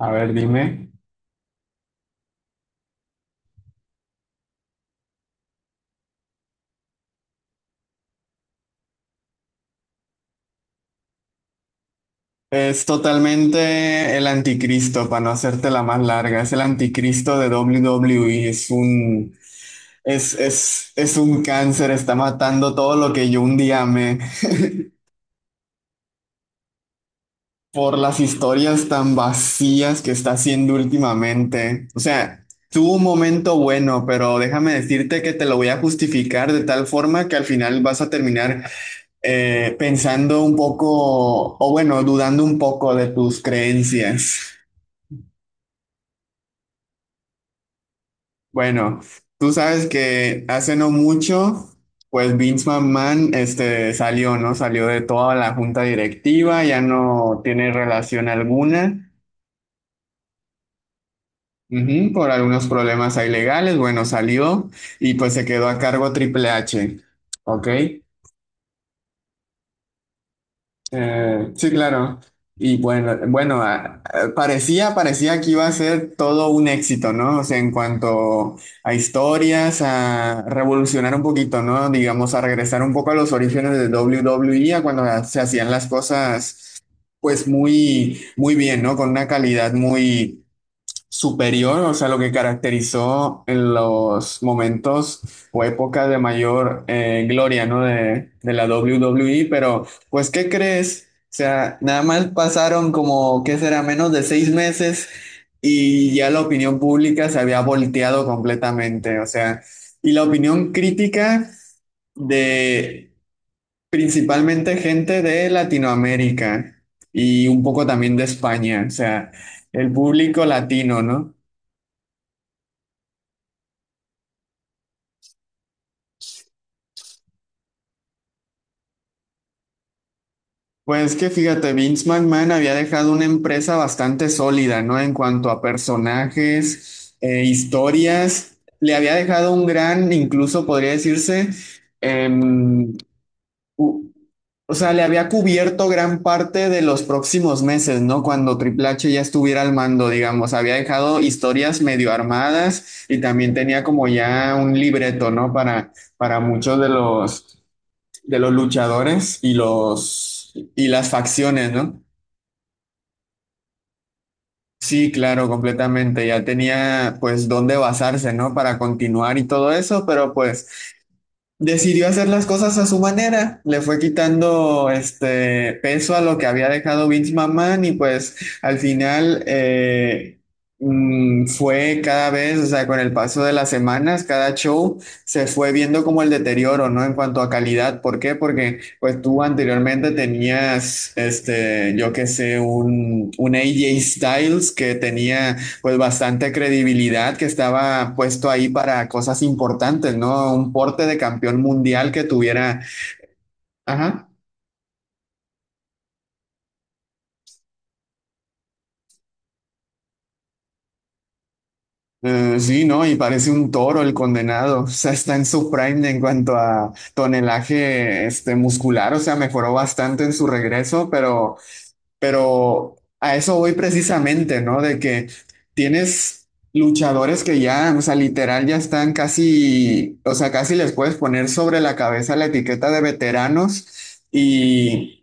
A ver, dime. Es totalmente el anticristo, para no hacerte la más larga. Es el anticristo de W W WWE. Es un cáncer. Está matando todo lo que yo un día amé por las historias tan vacías que está haciendo últimamente. O sea, tuvo un momento bueno, pero déjame decirte que te lo voy a justificar de tal forma que al final vas a terminar pensando un poco, o bueno, dudando un poco de tus creencias. Bueno, tú sabes que hace no mucho, pues Vince McMahon este, salió, ¿no? Salió de toda la junta directiva, ya no tiene relación alguna, ujú, por algunos problemas ahí legales, bueno, salió y pues se quedó a cargo Triple H, ¿ok? Sí, claro. Y bueno, bueno, parecía que iba a ser todo un éxito, ¿no? O sea, en cuanto a historias, a revolucionar un poquito, ¿no? Digamos, a regresar un poco a los orígenes de W W WWE, a cuando se hacían las cosas, pues muy, muy bien, ¿no? Con una calidad muy superior, o sea, lo que caracterizó en los momentos o épocas de mayor gloria, ¿no? De la WWE, pero pues, ¿qué crees? O sea, nada más pasaron como, ¿qué será? Menos de 6 meses y ya la opinión pública se había volteado completamente, o sea, y la opinión crítica de principalmente gente de Latinoamérica y un poco también de España, o sea, el público latino, ¿no? Pues que fíjate, Vince McMahon había dejado una empresa bastante sólida, ¿no? En cuanto a personajes, historias, le había dejado un gran, incluso podría decirse, em, u- o sea, le había cubierto gran parte de los próximos meses, ¿no? Cuando Triple H ya estuviera al mando, digamos, había dejado historias medio armadas y también tenía como ya un libreto, ¿no? Para muchos de los luchadores y los y las facciones, ¿no? Sí, claro, completamente. Ya tenía pues dónde basarse, ¿no? Para continuar y todo eso, pero pues decidió hacer las cosas a su manera, le fue quitando este peso a lo que había dejado Vince McMahon y pues al final fue cada vez, o sea, con el paso de las semanas, cada show se fue viendo como el deterioro, ¿no? En cuanto a calidad, ¿por qué? Porque pues tú anteriormente tenías, este, yo qué sé, un AJ Styles que tenía pues bastante credibilidad que estaba puesto ahí para cosas importantes, ¿no? Un porte de campeón mundial que tuviera, ajá, sí, ¿no? Y parece un toro el condenado, o sea, está en su prime en cuanto a tonelaje, este, muscular, o sea, mejoró bastante en su regreso, pero a eso voy precisamente, ¿no? De que tienes luchadores que ya, o sea, literal ya están casi, o sea, casi les puedes poner sobre la cabeza la etiqueta de veteranos. y...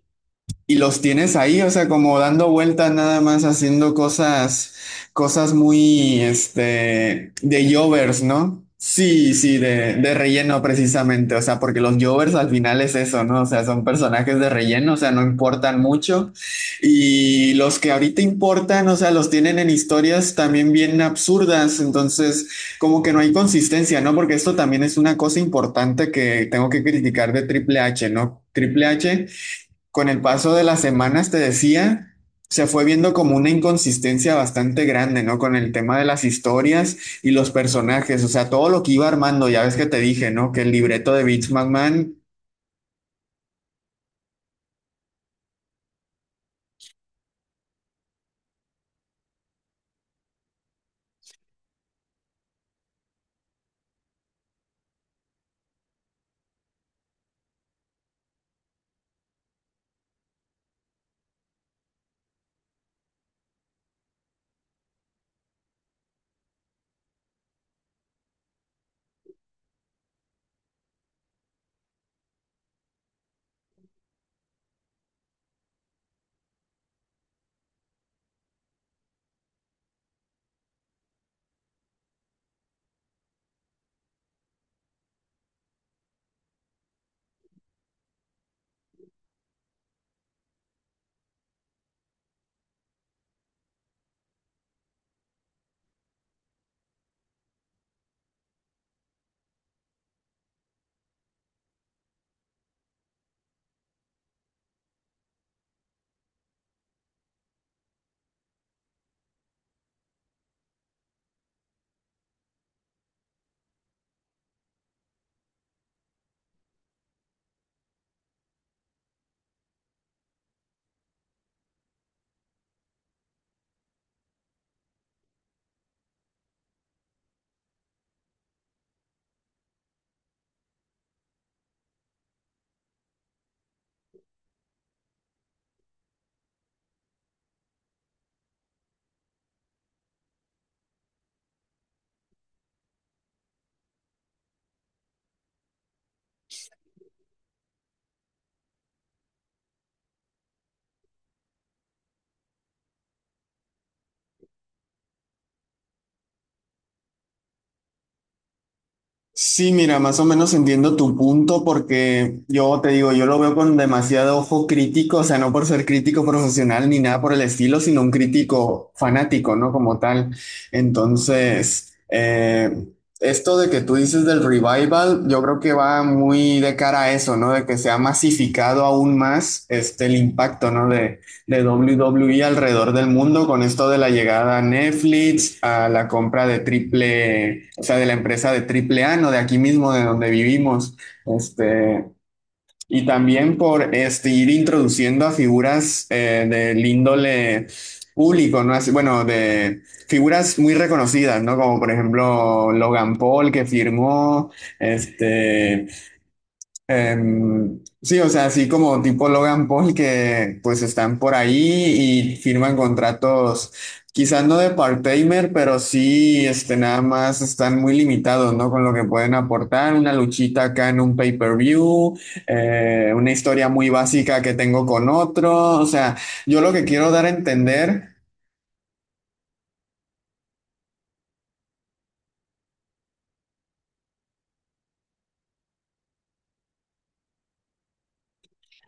Y los tienes ahí, o sea, como dando vueltas nada más haciendo cosas muy, este, de jovers, ¿no? Sí, sí, de relleno precisamente, o sea, porque los jovers al final es eso, ¿no? O sea, son personajes de relleno, o sea, no importan mucho. Y los que ahorita importan, o sea, los tienen en historias también bien absurdas, entonces como que no hay consistencia, ¿no? Porque esto también es una cosa importante que tengo que criticar de Triple H, ¿no? Triple H con el paso de las semanas, te decía, se fue viendo como una inconsistencia bastante grande, ¿no? Con el tema de las historias y los personajes, o sea, todo lo que iba armando, ya ves que te dije, ¿no? Que el libreto de Vince McMahon. Sí, mira, más o menos entiendo tu punto porque yo te digo, yo lo veo con demasiado ojo crítico, o sea, no por ser crítico profesional ni nada por el estilo, sino un crítico fanático, ¿no? Como tal. Entonces, esto de que tú dices del revival, yo creo que va muy de cara a eso, ¿no? De que se ha masificado aún más este, el impacto, ¿no? De W W WWE alrededor del mundo con esto de la llegada a Netflix, a la compra de o sea, de la empresa de triple A, no de aquí mismo, de donde vivimos. Este, y también por este, ir introduciendo a figuras del índole público, ¿no? Así, bueno, de figuras muy reconocidas, ¿no? Como por ejemplo Logan Paul que firmó, este. Sí, o sea, así como tipo Logan Paul que pues están por ahí y firman contratos, quizás no de part-timer, pero sí, este, nada más están muy limitados, ¿no? Con lo que pueden aportar, una luchita acá en un pay-per-view, una historia muy básica que tengo con otro, o sea, yo lo que quiero dar a entender.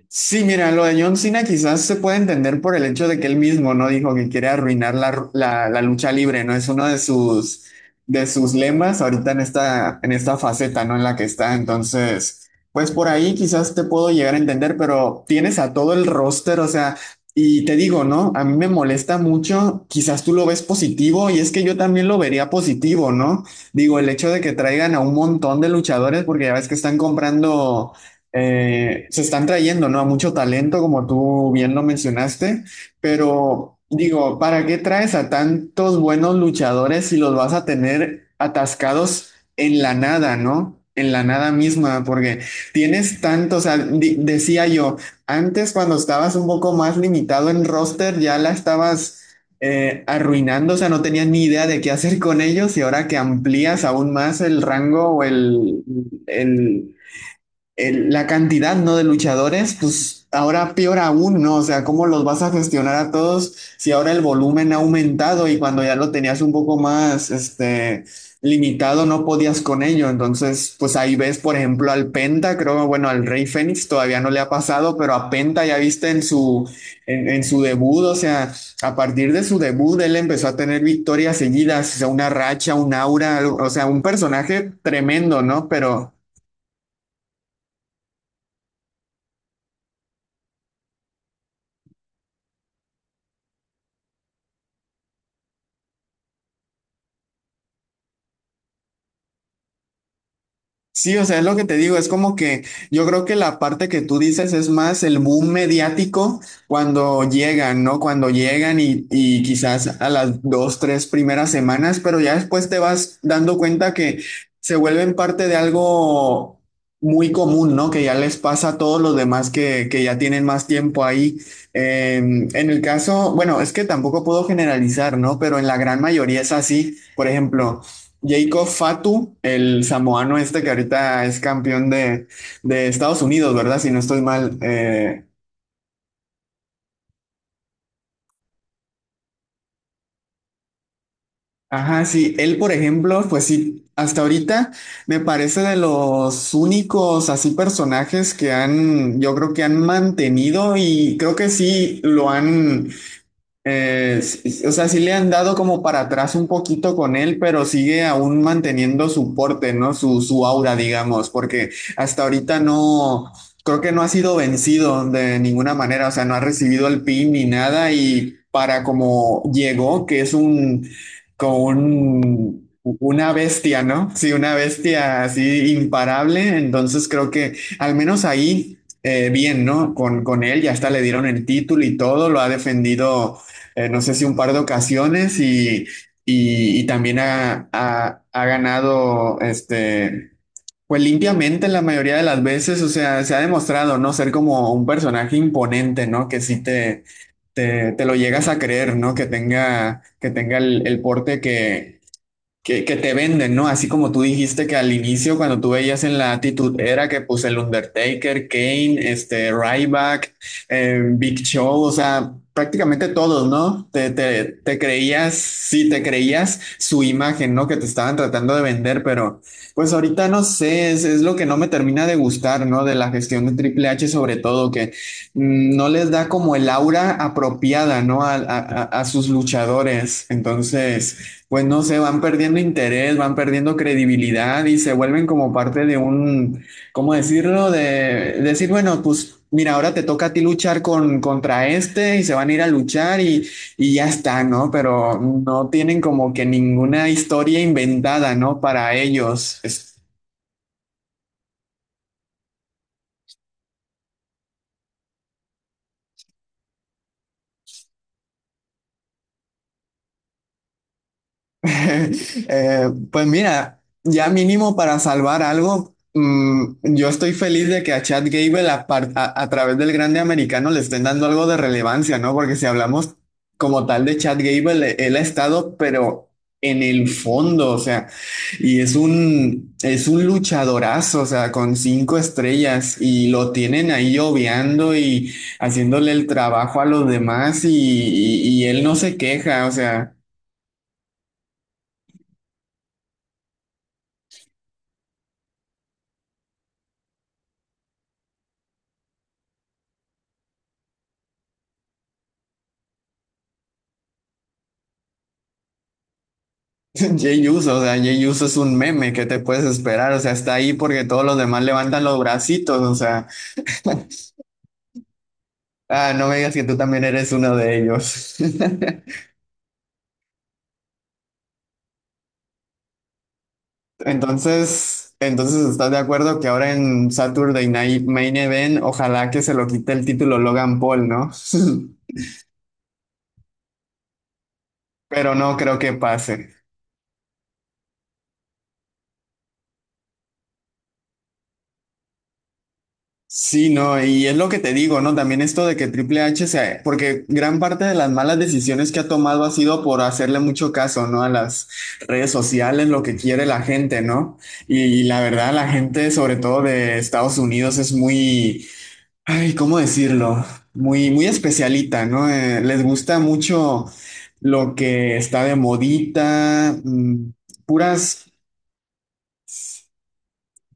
Sí, mira, lo de John Cena quizás se puede entender por el hecho de que él mismo no dijo que quiere arruinar la lucha libre, ¿no? Es uno de sus, lemas ahorita en esta faceta, ¿no? En la que está. Entonces, pues por ahí quizás te puedo llegar a entender, pero tienes a todo el roster, o sea, y te digo, ¿no? A mí me molesta mucho, quizás tú lo ves positivo y es que yo también lo vería positivo, ¿no? Digo, el hecho de que traigan a un montón de luchadores, porque ya ves que están comprando se están trayendo, ¿no? A mucho talento, como tú bien lo mencionaste, pero digo, ¿para qué traes a tantos buenos luchadores si los vas a tener atascados en la nada? ¿No? En la nada misma, porque tienes tantos, o sea, decía yo, antes cuando estabas un poco más limitado en roster, ya la estabas arruinando, o sea, no tenías ni idea de qué hacer con ellos y ahora que amplías aún más el rango o el, la cantidad, ¿no? De luchadores, pues ahora peor aún, ¿no? O sea, ¿cómo los vas a gestionar a todos si ahora el volumen ha aumentado y cuando ya lo tenías un poco más, este, limitado, no podías con ello? Entonces, pues ahí ves, por ejemplo, al Penta, creo, bueno, al Rey Fénix todavía no le ha pasado, pero a Penta ya viste en su debut, o sea, a partir de su debut, él empezó a tener victorias seguidas, o sea, una racha, un aura, o sea, un personaje tremendo, ¿no? Pero... Sí, o sea, es lo que te digo, es como que yo creo que la parte que tú dices es más el boom mediático cuando llegan, ¿no? Cuando llegan y quizás a las dos, tres primeras semanas, pero ya después te vas dando cuenta que se vuelven parte de algo muy común, ¿no? Que ya les pasa a todos los demás que ya tienen más tiempo ahí. En el caso, bueno, es que tampoco puedo generalizar, ¿no? Pero en la gran mayoría es así. Por ejemplo, Jacob Fatu, el samoano este que ahorita es campeón de Estados Unidos, ¿verdad? Si no estoy mal. Ajá, sí. Él, por ejemplo, pues sí, hasta ahorita me parece de los únicos así personajes que han, yo creo que han mantenido y creo que sí lo han. Sí, o sea, sí le han dado como para atrás un poquito con él, pero sigue aún manteniendo su porte, ¿no? Su aura, digamos, porque hasta ahorita no, creo que no ha sido vencido de ninguna manera, o sea, no ha recibido el pin ni nada y para como llegó, que es un, como un, una bestia, ¿no? Sí, una bestia así imparable, entonces creo que al menos ahí bien, ¿no? Con él, ya hasta le dieron el título y todo, lo ha defendido no sé si un par de ocasiones y también ha, ha ganado este, pues limpiamente la mayoría de las veces, o sea, se ha demostrado, ¿no? Ser como un personaje imponente, ¿no? Que sí te lo llegas a creer, ¿no? Que tenga, el, porte que te venden, ¿no? Así como tú dijiste que al inicio, cuando tú veías en la actitud era que pues el Undertaker, Kane, este, Ryback, Big Show, o sea, prácticamente todos, ¿no? Te creías, sí, te creías su imagen, ¿no? Que te estaban tratando de vender, pero pues ahorita no sé, es lo que no me termina de gustar, ¿no? De la gestión de Triple H sobre todo, que no les da como el aura apropiada, ¿no? A sus luchadores. Entonces pues no sé, van perdiendo interés, van perdiendo credibilidad y se vuelven como parte de un, ¿cómo decirlo? De decir, bueno, pues mira, ahora te toca a ti luchar contra este y se van a ir a luchar y ya está, ¿no? Pero no tienen como que ninguna historia inventada, ¿no? Para ellos. Pues mira, ya mínimo para salvar algo, yo estoy feliz de que a Chad Gable a través del grande americano le estén dando algo de relevancia, ¿no? Porque si hablamos como tal de Chad Gable, él ha estado, pero en el fondo, o sea, y es un, luchadorazo, o sea, con cinco estrellas y lo tienen ahí obviando y haciéndole el trabajo a los demás y él no se queja, o sea. Jay Uso, o sea, Jay Uso es un meme, ¿qué te puedes esperar? O sea, está ahí porque todos los demás levantan los bracitos, o sea, ah, no me digas que tú también eres uno de ellos. Entonces, ¿estás de acuerdo que ahora en Saturday Night Main Event, ojalá que se lo quite el título Logan Paul? ¿No? Pero no creo que pase. Sí, no, y es lo que te digo, ¿no? También esto de que Triple H se, porque gran parte de las malas decisiones que ha tomado ha sido por hacerle mucho caso, ¿no? A las redes sociales, lo que quiere la gente, ¿no? Y, la verdad, la gente, sobre todo de Estados Unidos, es muy, ay, ¿cómo decirlo? Muy, muy especialita, ¿no? Les gusta mucho lo que está de modita, puras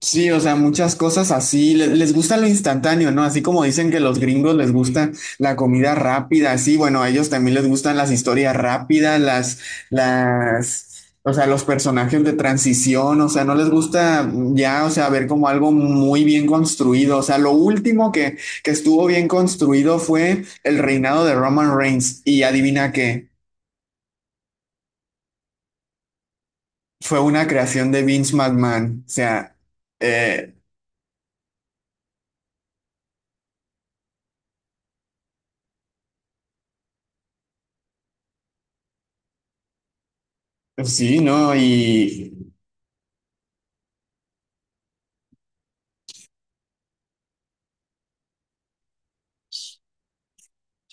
Sí, o sea, muchas cosas así, les, gusta lo instantáneo, ¿no? Así como dicen que los gringos les gusta la comida rápida, así, bueno, a ellos también les gustan las historias rápidas, o sea, los personajes de transición, o sea, no les gusta ya, o sea, ver como algo muy bien construido, o sea, lo último que estuvo bien construido fue el reinado de Roman Reigns, y adivina qué, fue una creación de Vince McMahon, o sea, eh, sí, ¿no? Y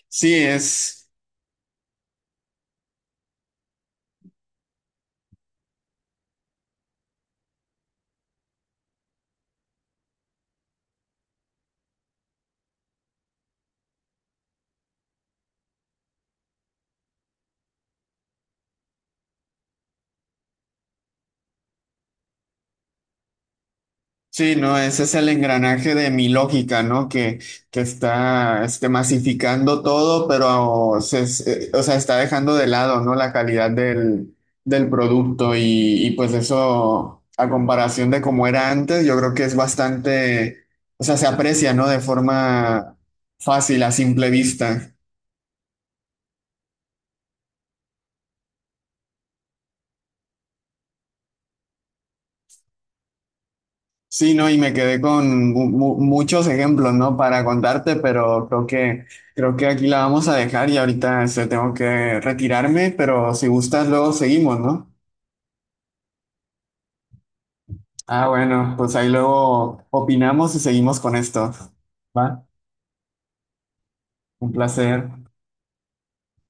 sí, es, sí, no, ese es el engranaje de mi lógica, ¿no? Que está este, masificando todo, pero o sea, está dejando de lado, ¿no? La calidad del producto y pues eso, a comparación de cómo era antes, yo creo que es bastante, o sea, se aprecia, ¿no? De forma fácil, a simple vista. Sí, no, y me quedé con muchos ejemplos, ¿no? Para contarte, pero creo que aquí la vamos a dejar y ahorita este, tengo que retirarme, pero si gustas luego seguimos, ¿no? Ah, bueno, pues ahí luego opinamos y seguimos con esto. Va, un placer.